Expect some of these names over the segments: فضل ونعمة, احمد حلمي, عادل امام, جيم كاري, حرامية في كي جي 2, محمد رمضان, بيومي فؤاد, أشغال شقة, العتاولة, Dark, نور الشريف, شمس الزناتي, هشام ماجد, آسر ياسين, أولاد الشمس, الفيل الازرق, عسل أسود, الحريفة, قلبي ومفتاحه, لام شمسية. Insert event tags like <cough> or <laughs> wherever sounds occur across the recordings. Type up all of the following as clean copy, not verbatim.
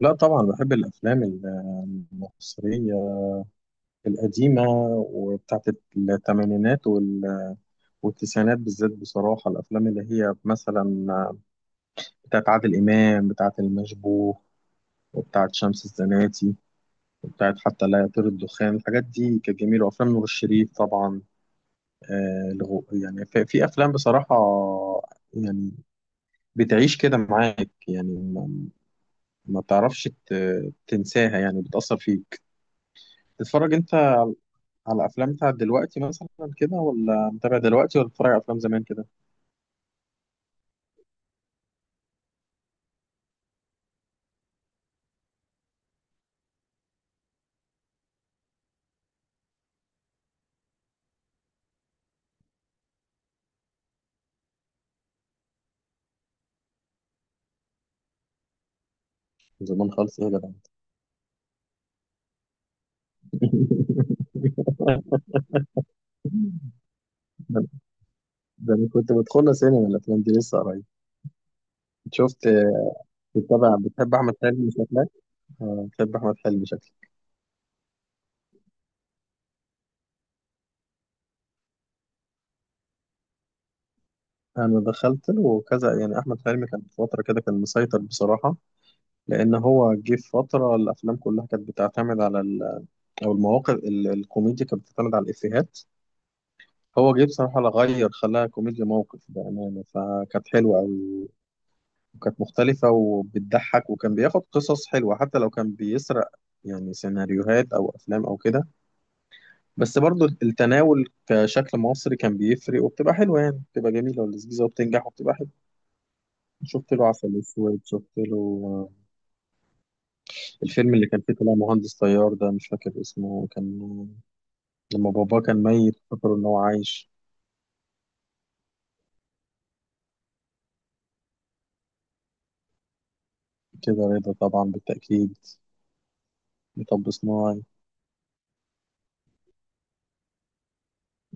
لا، طبعا بحب الافلام المصريه القديمه، وبتاعت الثمانينات والتسعينات بالذات. بصراحه الافلام اللي هي مثلا بتاعت عادل امام، بتاعت المشبوه، وبتاعت شمس الزناتي، وبتاعت حتى لا يطير الدخان، الحاجات دي كانت جميله. وافلام نور الشريف طبعا. يعني في افلام بصراحه، يعني بتعيش كده معاك. يعني ما بتعرفش تنساها، يعني بتأثر فيك. تتفرج انت على افلام بتاعت دلوقتي مثلا كده، ولا متابع دلوقتي، ولا بتتفرج على افلام زمان كده؟ زمان خالص ايه يا جدع! <laughs> ده ده انا كنت بدخلها سينما، الافلام دي لسه قريب. شفت؟ بتتابع؟ بتحب احمد حلمي شكلك. بتحب احمد حلمي شكلك. انا دخلت له كذا، يعني احمد حلمي كان في فتره كده كان مسيطر بصراحه، لان هو جه في فتره الافلام كلها كانت بتعتمد على او المواقف الكوميديا كانت بتعتمد على الافيهات. هو جه بصراحه لا غير، خلاها كوميديا موقف بامانه، فكانت حلوه قوي. وكانت مختلفة وبتضحك، وكان بياخد قصص حلوة حتى لو كان بيسرق يعني سيناريوهات أو أفلام أو كده، بس برضو التناول كشكل مصري كان بيفرق، وبتبقى حلوة، يعني بتبقى جميلة ولذيذة وبتنجح وبتبقى حلوة. شفت له عسل أسود. شفت له آه، الفيلم اللي كان فيه طلع مهندس طيار ده، مش فاكر اسمه، كان لما باباه كان ميت فكروا إن هو عايش. كده رضا طبعا بالتأكيد. مطب صناعي.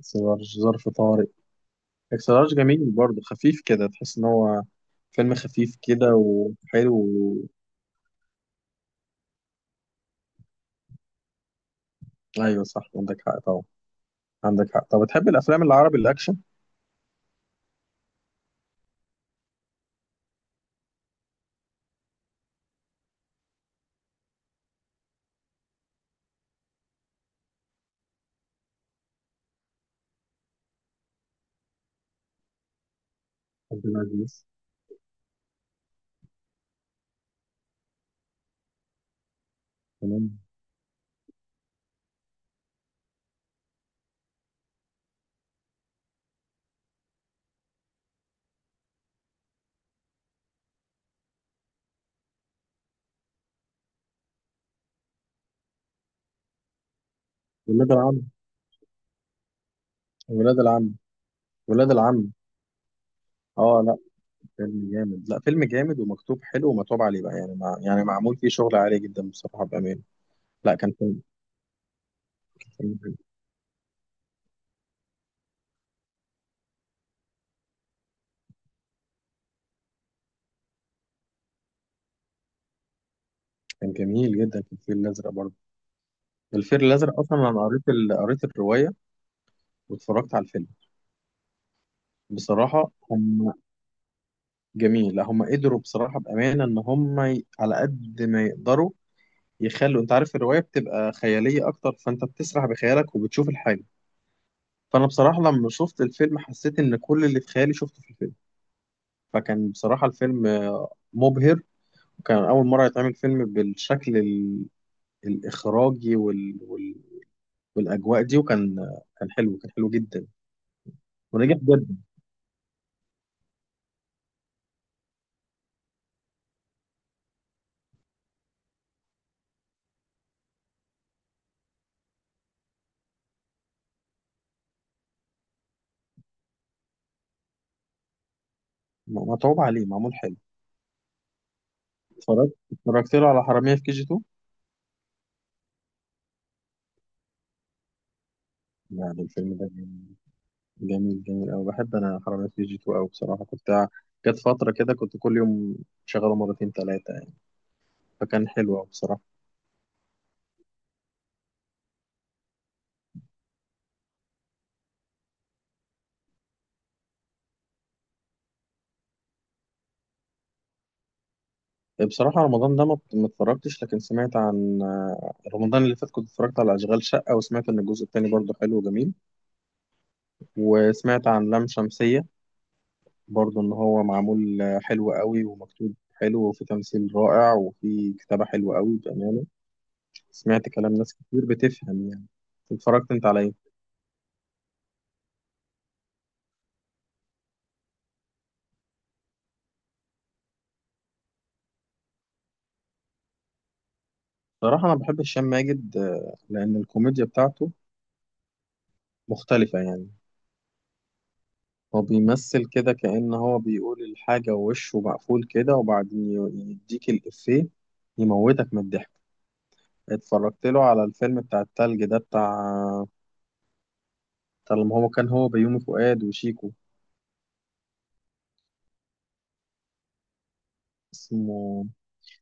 ظرف طارق. اكس لارج جميل برضه، خفيف كده، تحس ان هو فيلم خفيف كده وحلو ايوه صح، عندك حق طبعا. عندك حق. طب بتحب الافلام العربي الاكشن؟ عبد العزيز. تمام. ولاد العم. ولاد العم. ولاد العم. اه لا، فيلم جامد. لا فيلم جامد ومكتوب حلو ومتعوب عليه بقى، يعني يعني معمول فيه شغل عالي جدا بصراحه بامان. لا كان فيلم. كان فيلم- كان جميل جدا في الفيل الازرق برضه. الفيل الازرق اصلا انا قريت قريت الروايه واتفرجت على الفيلم. بصراحه هم جميل، لا هم قدروا بصراحة بأمانة إن هم على قد ما يقدروا يخلوا، أنت عارف الرواية بتبقى خيالية أكتر، فأنت بتسرح بخيالك وبتشوف الحاجة. فأنا بصراحة لما شفت الفيلم حسيت إن كل اللي في خيالي شفته في الفيلم، فكان بصراحة الفيلم مبهر. وكان أول مرة يتعمل فيلم بالشكل الإخراجي والأجواء دي، وكان كان حلو، كان حلو جدا ونجح جدا. متعوب عليه، معمول حلو. اتفرجت له على حرامية في كي جي 2. يعني الفيلم ده جميل، جميل أوي، بحب أنا حرامية في جي 2 أوي بصراحة. كنت جت فترة كده كنت كل يوم شغاله مرتين تلاتة يعني، فكان حلو أوي بصراحة. بصراحة رمضان ده ما اتفرجتش، لكن سمعت عن رمضان اللي فات كنت اتفرجت على أشغال شقة، وسمعت إن الجزء التاني برضه حلو وجميل. وسمعت عن لام شمسية برضه إن هو معمول حلو أوي ومكتوب حلو، وفي تمثيل رائع وفي كتابة حلوة أوي بأمانة. سمعت كلام ناس كتير بتفهم يعني. اتفرجت أنت على صراحة، أنا بحب هشام ماجد، لأن الكوميديا بتاعته مختلفة يعني. هو بيمثل كده كأن هو بيقول الحاجة ووشه مقفول كده، وبعدين يديك الإفيه، يموتك من الضحك. اتفرجت له على الفيلم بتاع التلج ده، بتاع طالما هو كان، هو بيومي فؤاد وشيكو. اسمه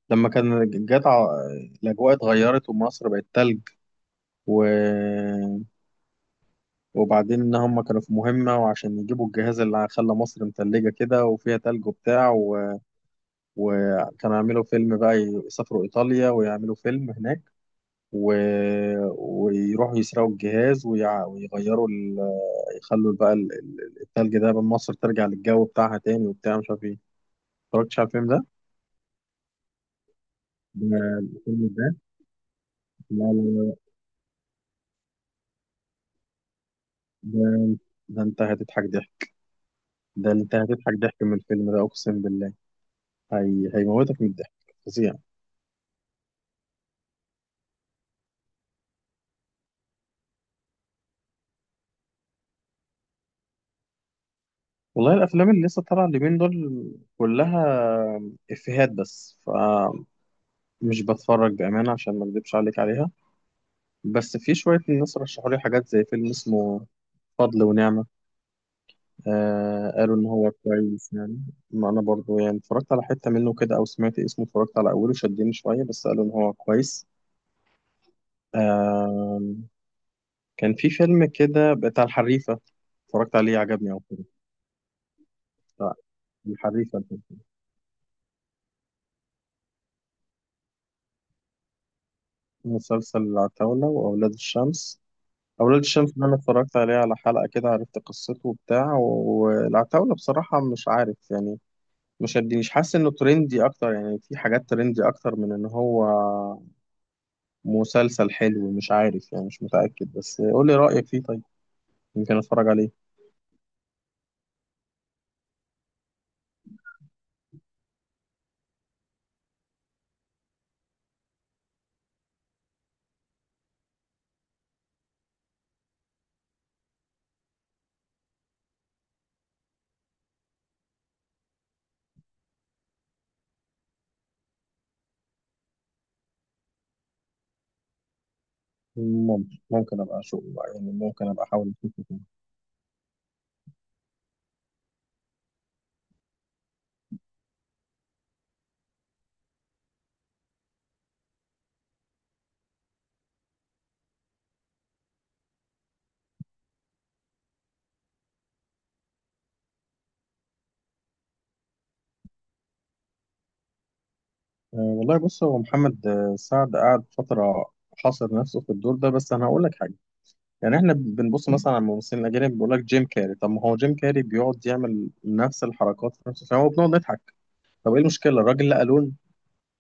لما كان جت الأجواء اتغيرت ومصر بقت تلج و... وبعدين إن هم كانوا في مهمة، وعشان يجيبوا الجهاز اللي خلى مصر متلجة كده وفيها تلج وبتاع وكانوا يعملوا فيلم بقى، يسافروا إيطاليا ويعملوا فيلم هناك و... ويروحوا يسرقوا الجهاز ويغيروا يخلوا بقى التلج ده من مصر ترجع للجو بتاعها تاني، وبتاع مش عارف ايه. اتفرجتش على الفيلم ده؟ ده الفيلم ده. لا لا لا. ده. ده انت هتضحك ضحك. ده انت هتضحك ضحك من الفيلم ده، اقسم بالله. هيموتك من الضحك. فظيع. والله الافلام اللي لسه طالعه اليومين دول كلها افيهات بس، مش بتفرج بأمانة عشان ما اكدبش عليك عليها. بس في شوية الناس رشحوا لي حاجات زي فيلم اسمه فضل ونعمة، آه قالوا إن هو كويس يعني. ما أنا برضو يعني اتفرجت على حتة منه كده أو سمعت اسمه، اتفرجت على أوله شدني شوية، بس قالوا إن هو كويس. آه كان في فيلم كده بتاع الحريفة، اتفرجت عليه عجبني أوي كده. بتاع الحريفة ده. مسلسل العتاولة وأولاد الشمس. أولاد الشمس ده أنا اتفرجت عليه على حلقة كده، عرفت قصته وبتاع. والعتاولة بصراحة مش عارف يعني، مش شدني، مش حاسس انه ترندي اكتر، يعني في حاجات ترندي اكتر من ان هو مسلسل حلو، مش عارف يعني، مش متأكد. بس قول لي رأيك فيه طيب، يمكن اتفرج عليه. ممكن ابقى اشوف بقى، يعني ممكن ابقى احاول اشوفه تاني. أه والله، بص هو محمد سعد قعد فترة حاصر نفسه في الدور ده. بس انا هقول لك حاجة، يعني احنا بنبص مثلا على الممثلين الاجانب بيقول لك جيم كاري. طب ما هو جيم كاري بيقعد يعمل نفس الحركات في نفس الفيلم وبنقعد نضحك. طب ايه المشكلة؟ الراجل لقى لون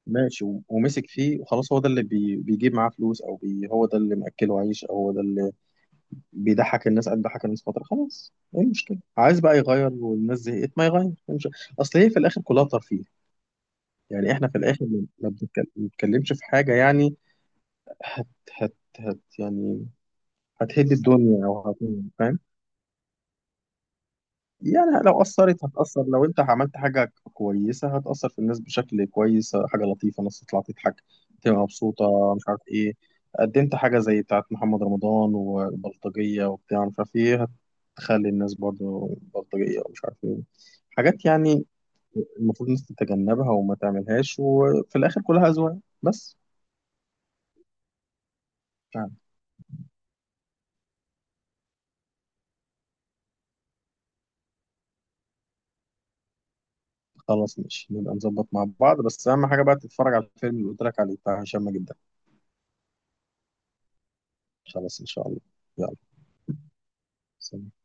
ماشي ومسك فيه وخلاص. هو ده اللي بيجيب معاه فلوس، او هو ده اللي مأكله عيش، او هو ده اللي بيضحك الناس. قد ضحك الناس فتره خلاص، ايه المشكله؟ عايز بقى يغير، والناس زهقت، ما يغير، إيه المشكلة؟ اصل هي في الاخر كلها ترفيه. يعني احنا في الاخر ما بنتكلمش في حاجه يعني. هت هت هت يعني هتهد الدنيا او فاهم؟ يعني لو أثرت هتأثر، لو أنت عملت حاجة كويسة هتأثر في الناس بشكل كويس، حاجة لطيفة الناس تطلع تضحك، تبقى مبسوطة مش عارف إيه. قدمت حاجة زي بتاعت محمد رمضان والبلطجية وبتاع مش عارف إيه، هتخلي الناس برضو بلطجية ومش عارف إيه، حاجات يعني المفروض الناس تتجنبها وما تعملهاش. وفي الآخر كلها أذواق بس. يعني خلاص ماشي، نبقى نظبط مع بعض. بس أهم حاجة بقى تتفرج على الفيلم اللي قلت لك عليه بتاع هشام ماجد ده. خلاص إن شاء الله. يلا. سلام.